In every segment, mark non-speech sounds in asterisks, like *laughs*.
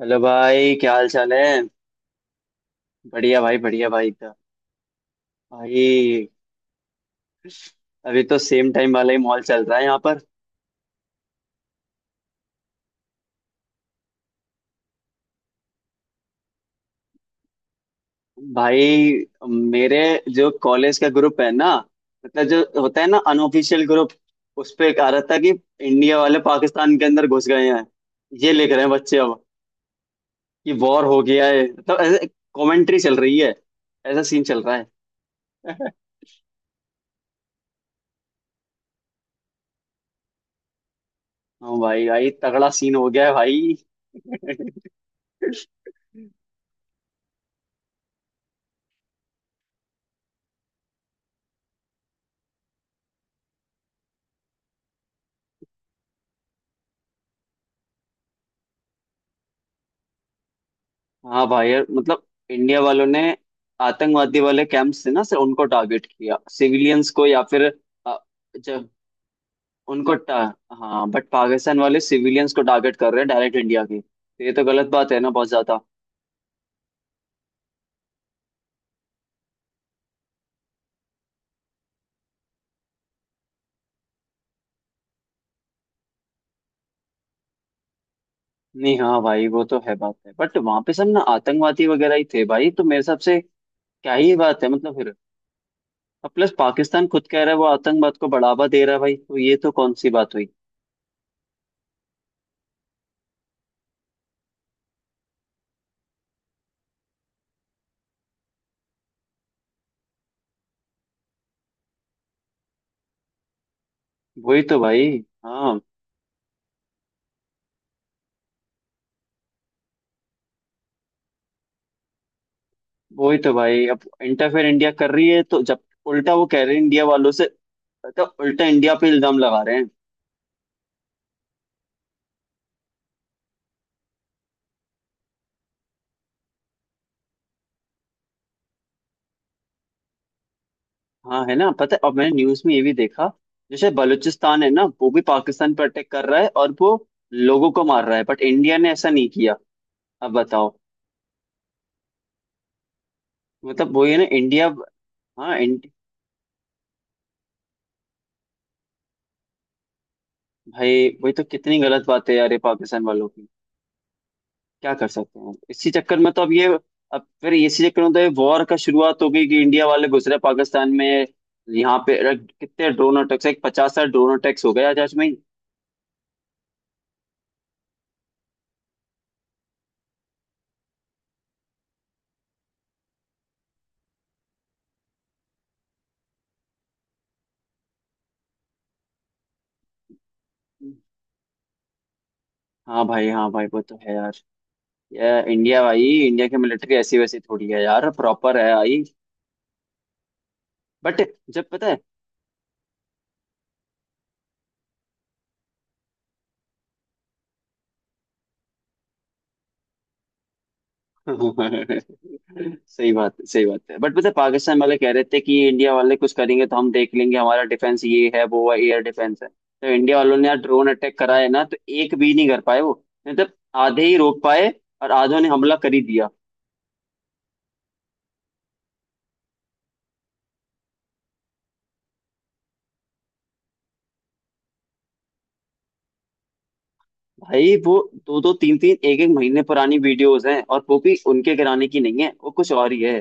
Hello भाई, क्या हाल चाल है। बढ़िया भाई, बढ़िया भाई एकदम। भाई, अभी तो सेम टाइम वाला ही मॉल चल रहा है यहाँ पर। भाई मेरे जो कॉलेज का ग्रुप है ना, मतलब जो होता है ना अनऑफिशियल ग्रुप, उस पे एक आ रहा था कि इंडिया वाले पाकिस्तान के अंदर घुस गए हैं। ये लिख रहे हैं बच्चे अब कि वॉर हो गया है, मतलब ऐसे कमेंट्री चल रही है, ऐसा सीन चल रहा है। *laughs* हाँ भाई भाई, तगड़ा सीन हो गया है भाई। *laughs* हाँ भाई यार, मतलब इंडिया वालों ने आतंकवादी वाले कैंप्स थे ना से उनको टारगेट किया, सिविलियंस को या फिर अ, जब उनको टा, हाँ बट पाकिस्तान वाले सिविलियंस को टारगेट कर रहे हैं डायरेक्ट इंडिया की, तो ये तो गलत बात है ना बहुत ज्यादा। नहीं, हाँ भाई वो तो है बात है बट वहां पे सब ना आतंकवादी वगैरह ही थे भाई, तो मेरे हिसाब से क्या ही बात है मतलब फिर। अब प्लस पाकिस्तान खुद कह रहा है वो आतंकवाद को बढ़ावा दे रहा है भाई, तो ये तो कौन सी बात हुई। वही तो भाई। हाँ वही तो भाई, अब इंटरफेयर इंडिया कर रही है तो जब उल्टा वो कह रहे हैं इंडिया वालों से, मतलब उल्टा इंडिया पे इल्जाम लगा रहे हैं। हाँ है ना, पता है अब मैंने न्यूज में ये भी देखा, जैसे बलूचिस्तान है ना वो भी पाकिस्तान पर अटैक कर रहा है और वो लोगों को मार रहा है, बट इंडिया ने ऐसा नहीं किया। अब बताओ, मतलब वही है ना इंडिया। हाँ इंड... भाई वही तो, कितनी गलत बात है यार ये पाकिस्तान वालों, क्या कर सकते हैं इसी चक्कर में तो अब ये, अब फिर इसी चक्कर में तो ये वॉर का शुरुआत हो गई कि इंडिया वाले घुस रहे पाकिस्तान में। यहाँ पे कितने ड्रोन अटैक्स, एक 50-60 ड्रोन अटैक्स हो गए आज, आज में ही। हाँ भाई वो तो है यार, ये इंडिया भाई, इंडिया की मिलिट्री ऐसी वैसी थोड़ी है यार, प्रॉपर है आई। बट जब पता है। *laughs* सही बात है सही बात है, बट पता है, पाकिस्तान वाले कह रहे थे कि इंडिया वाले कुछ करेंगे तो हम देख लेंगे, हमारा डिफेंस ये है वो है एयर डिफेंस है, तो इंडिया वालों ने यार ड्रोन अटैक करा है ना, तो एक भी नहीं कर पाए वो, मतलब आधे ही रोक पाए और आधों ने हमला कर ही दिया। भाई वो दो दो तीन तीन एक एक महीने पुरानी वीडियोस हैं और वो भी उनके गिराने की नहीं है, वो कुछ और ही है।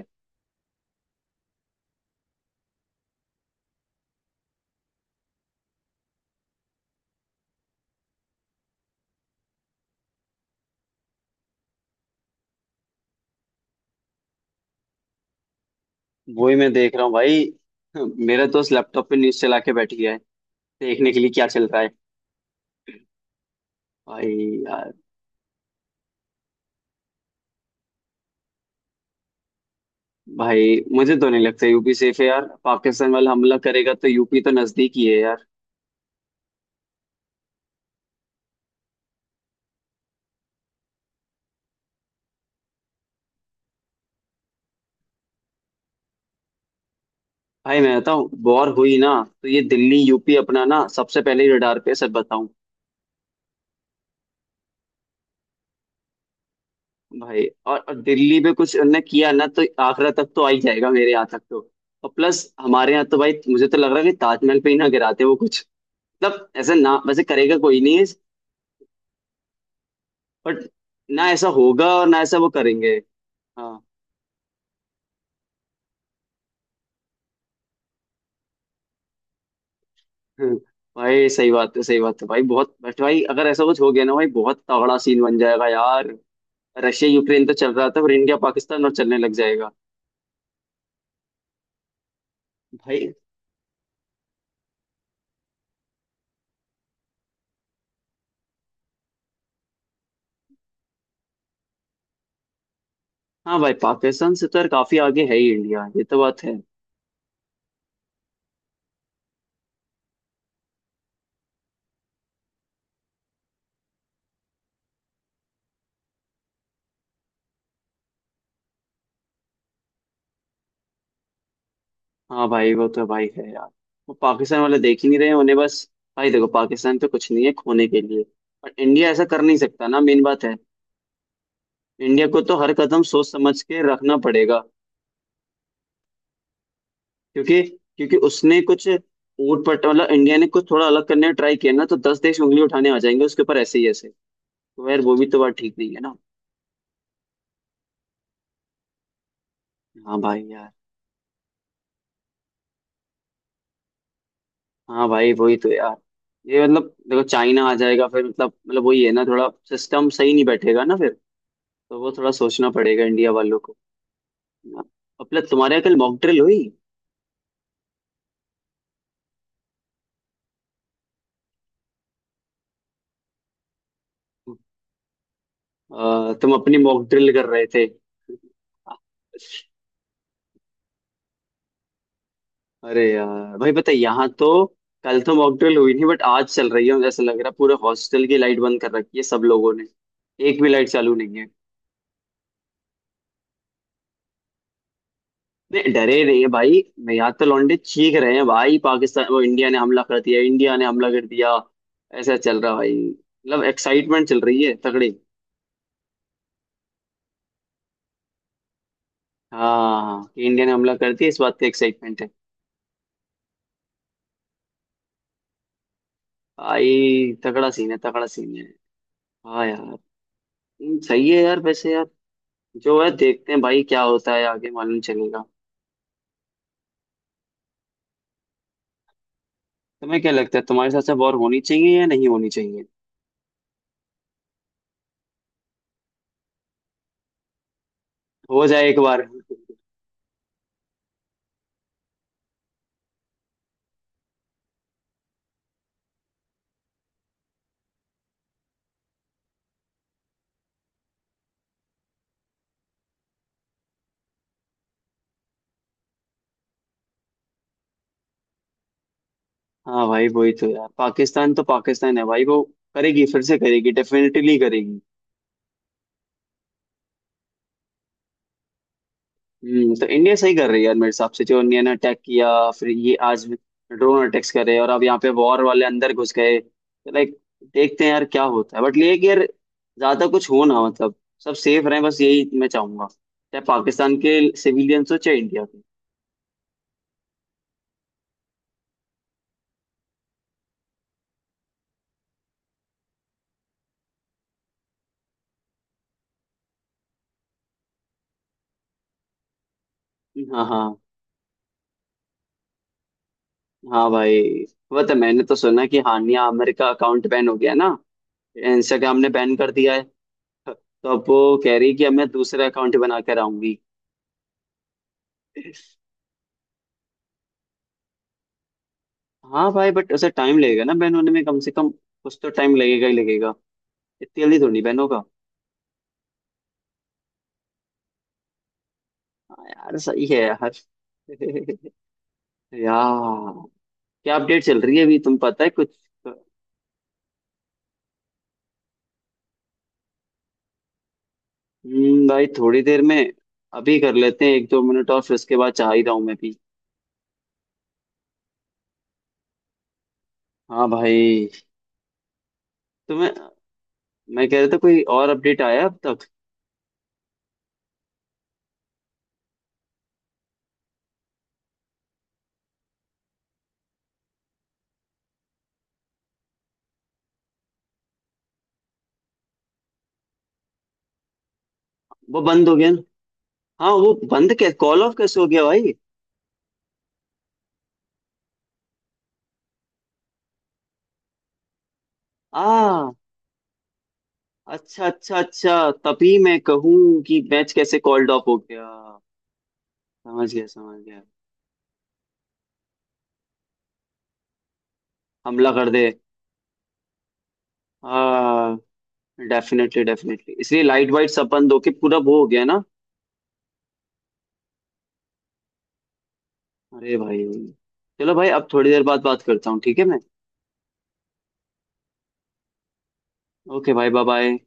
वो ही मैं देख रहा हूँ भाई। *laughs* मेरा दोस्त लैपटॉप पे न्यूज चला के बैठ गया है देखने के लिए क्या चल रहा है। भाई। भाई मुझे तो नहीं लगता यूपी सेफ है यार, पाकिस्तान वाला हमला करेगा तो यूपी तो नजदीक ही है यार। भाई मैं बताऊँ, वॉर हुई ना तो ये दिल्ली यूपी अपना ना सबसे पहले रडार पे है, सच बताऊं। भाई और दिल्ली पे कुछ उनने किया ना तो आगरा तक तो आ ही जाएगा, मेरे यहाँ तक तो। और प्लस हमारे यहाँ तो भाई मुझे तो लग रहा है कि ताजमहल पे ही ना गिराते वो कुछ, मतलब ऐसा ना वैसे करेगा कोई, नहीं है, बट ना ऐसा होगा और ना ऐसा वो करेंगे। हाँ। हम्म, भाई सही बात है भाई बहुत, बट भाई अगर ऐसा कुछ हो गया ना भाई बहुत तगड़ा सीन बन जाएगा यार। रशिया यूक्रेन तो चल रहा था पर इंडिया पाकिस्तान और चलने लग जाएगा। भाई। हाँ भाई पाकिस्तान से तो यार काफी आगे है ही इंडिया, ये तो बात है। हाँ भाई वो तो भाई है यार, वो पाकिस्तान वाले देख ही नहीं रहे हैं, उन्हें बस। भाई देखो पाकिस्तान तो कुछ नहीं है खोने के लिए, पर इंडिया ऐसा कर नहीं सकता ना, मेन बात है। इंडिया को तो हर कदम सोच समझ के रखना पड़ेगा। क्योंकि क्योंकि उसने कुछ ऊट पट, मतलब इंडिया ने कुछ थोड़ा अलग करने का ट्राई किया ना तो 10 देश उंगली उठाने आ जाएंगे उसके ऊपर, ऐसे ही ऐसे। तो यार वो भी तो बात ठीक नहीं है ना। हाँ भाई यार। हाँ भाई वही तो यार, ये मतलब देखो चाइना आ जाएगा फिर, मतलब वही है ना, थोड़ा सिस्टम सही नहीं बैठेगा ना फिर। तो वो थोड़ा सोचना पड़ेगा इंडिया वालों को। अपना तुम्हारे यहाँ कल मॉक ड्रिल हुई? तुम अपनी मॉक ड्रिल कर रहे थे। अरे यार भाई, पता है यहाँ तो कल तो मॉकड्रिल हुई नहीं बट आज चल रही है मुझे ऐसा लग रहा है, पूरे हॉस्टल की लाइट बंद कर रखी है सब लोगों ने। एक भी लाइट चालू नहीं है। नहीं, डरे नहीं है भाई मैं, यहाँ तो लौंडे चीख रहे हैं भाई, पाकिस्तान वो, इंडिया ने हमला कर दिया, इंडिया ने हमला कर दिया। ऐसा चल रहा है भाई, मतलब एक्साइटमेंट चल रही है तगड़ी। हाँ, कि इंडिया ने हमला कर दिया, इस बात का एक्साइटमेंट है। भाई तगड़ा सीन है तगड़ा सीन है। हाँ यार। सही है यार वैसे यार, जो है देखते हैं भाई क्या होता है आगे मालूम चलेगा। तुम्हें क्या लगता है, तुम्हारे साथ से वॉर होनी चाहिए या नहीं होनी चाहिए? हो जाए एक बार। हाँ भाई वही तो यार, पाकिस्तान तो पाकिस्तान है भाई, वो करेगी फिर से करेगी, डेफिनेटली करेगी। हम्म, तो इंडिया सही कर रही है यार मेरे हिसाब से, जो इंडिया ने अटैक किया। फिर ये आज ड्रोन अटैक्स करे और अब यहाँ पे वॉर वाले अंदर घुस गए, तो लाइक देखते हैं यार क्या होता है। बट ये है कि यार ज्यादा कुछ हो ना, मतलब सब सेफ रहें, बस यही मैं चाहूंगा, चाहे पाकिस्तान के सिविलियंस हो चाहे इंडिया के। हाँ, हाँ। हाँ भाई, वो तो मैंने तो सुना कि हानिया आमिर का अकाउंट बैन हो गया ना, इंस्टाग्राम ने बैन कर दिया है। तो अब वो कह रही कि अब मैं दूसरा अकाउंट बना कर आऊंगी। हाँ भाई बट उसे टाइम लगेगा ना बैन होने में, कम से कम कुछ तो टाइम लगेगा ही लगेगा। इतनी जल्दी तो नहीं बैन होगा। हाँ यार सही है यार। *laughs* यार क्या अपडेट चल रही है अभी तुम, पता है कुछ? भाई, थोड़ी देर में। अभी कर लेते हैं एक दो मिनट और फिर उसके बाद, चाह ही रहा हूँ मैं भी। हाँ भाई। तुम्हें, मैं कह रहा था कोई और अपडेट आया अब तक? वो बंद हो गया ना। हाँ वो बंद कै कॉल ऑफ कैसे हो गया भाई? आ अच्छा अच्छा अच्छा, तभी मैं कहूँ कि मैच कैसे कॉल्ड ऑफ हो गया। समझ गया समझ गया। हमला कर दे। आ डेफिनेटली डेफिनेटली, इसलिए लाइट वाइट सब बंद होके पूरा वो हो गया ना। अरे भाई, चलो भाई अब थोड़ी देर बाद बात करता हूँ, ठीक है मैं। ओके भाई, बाय बाय।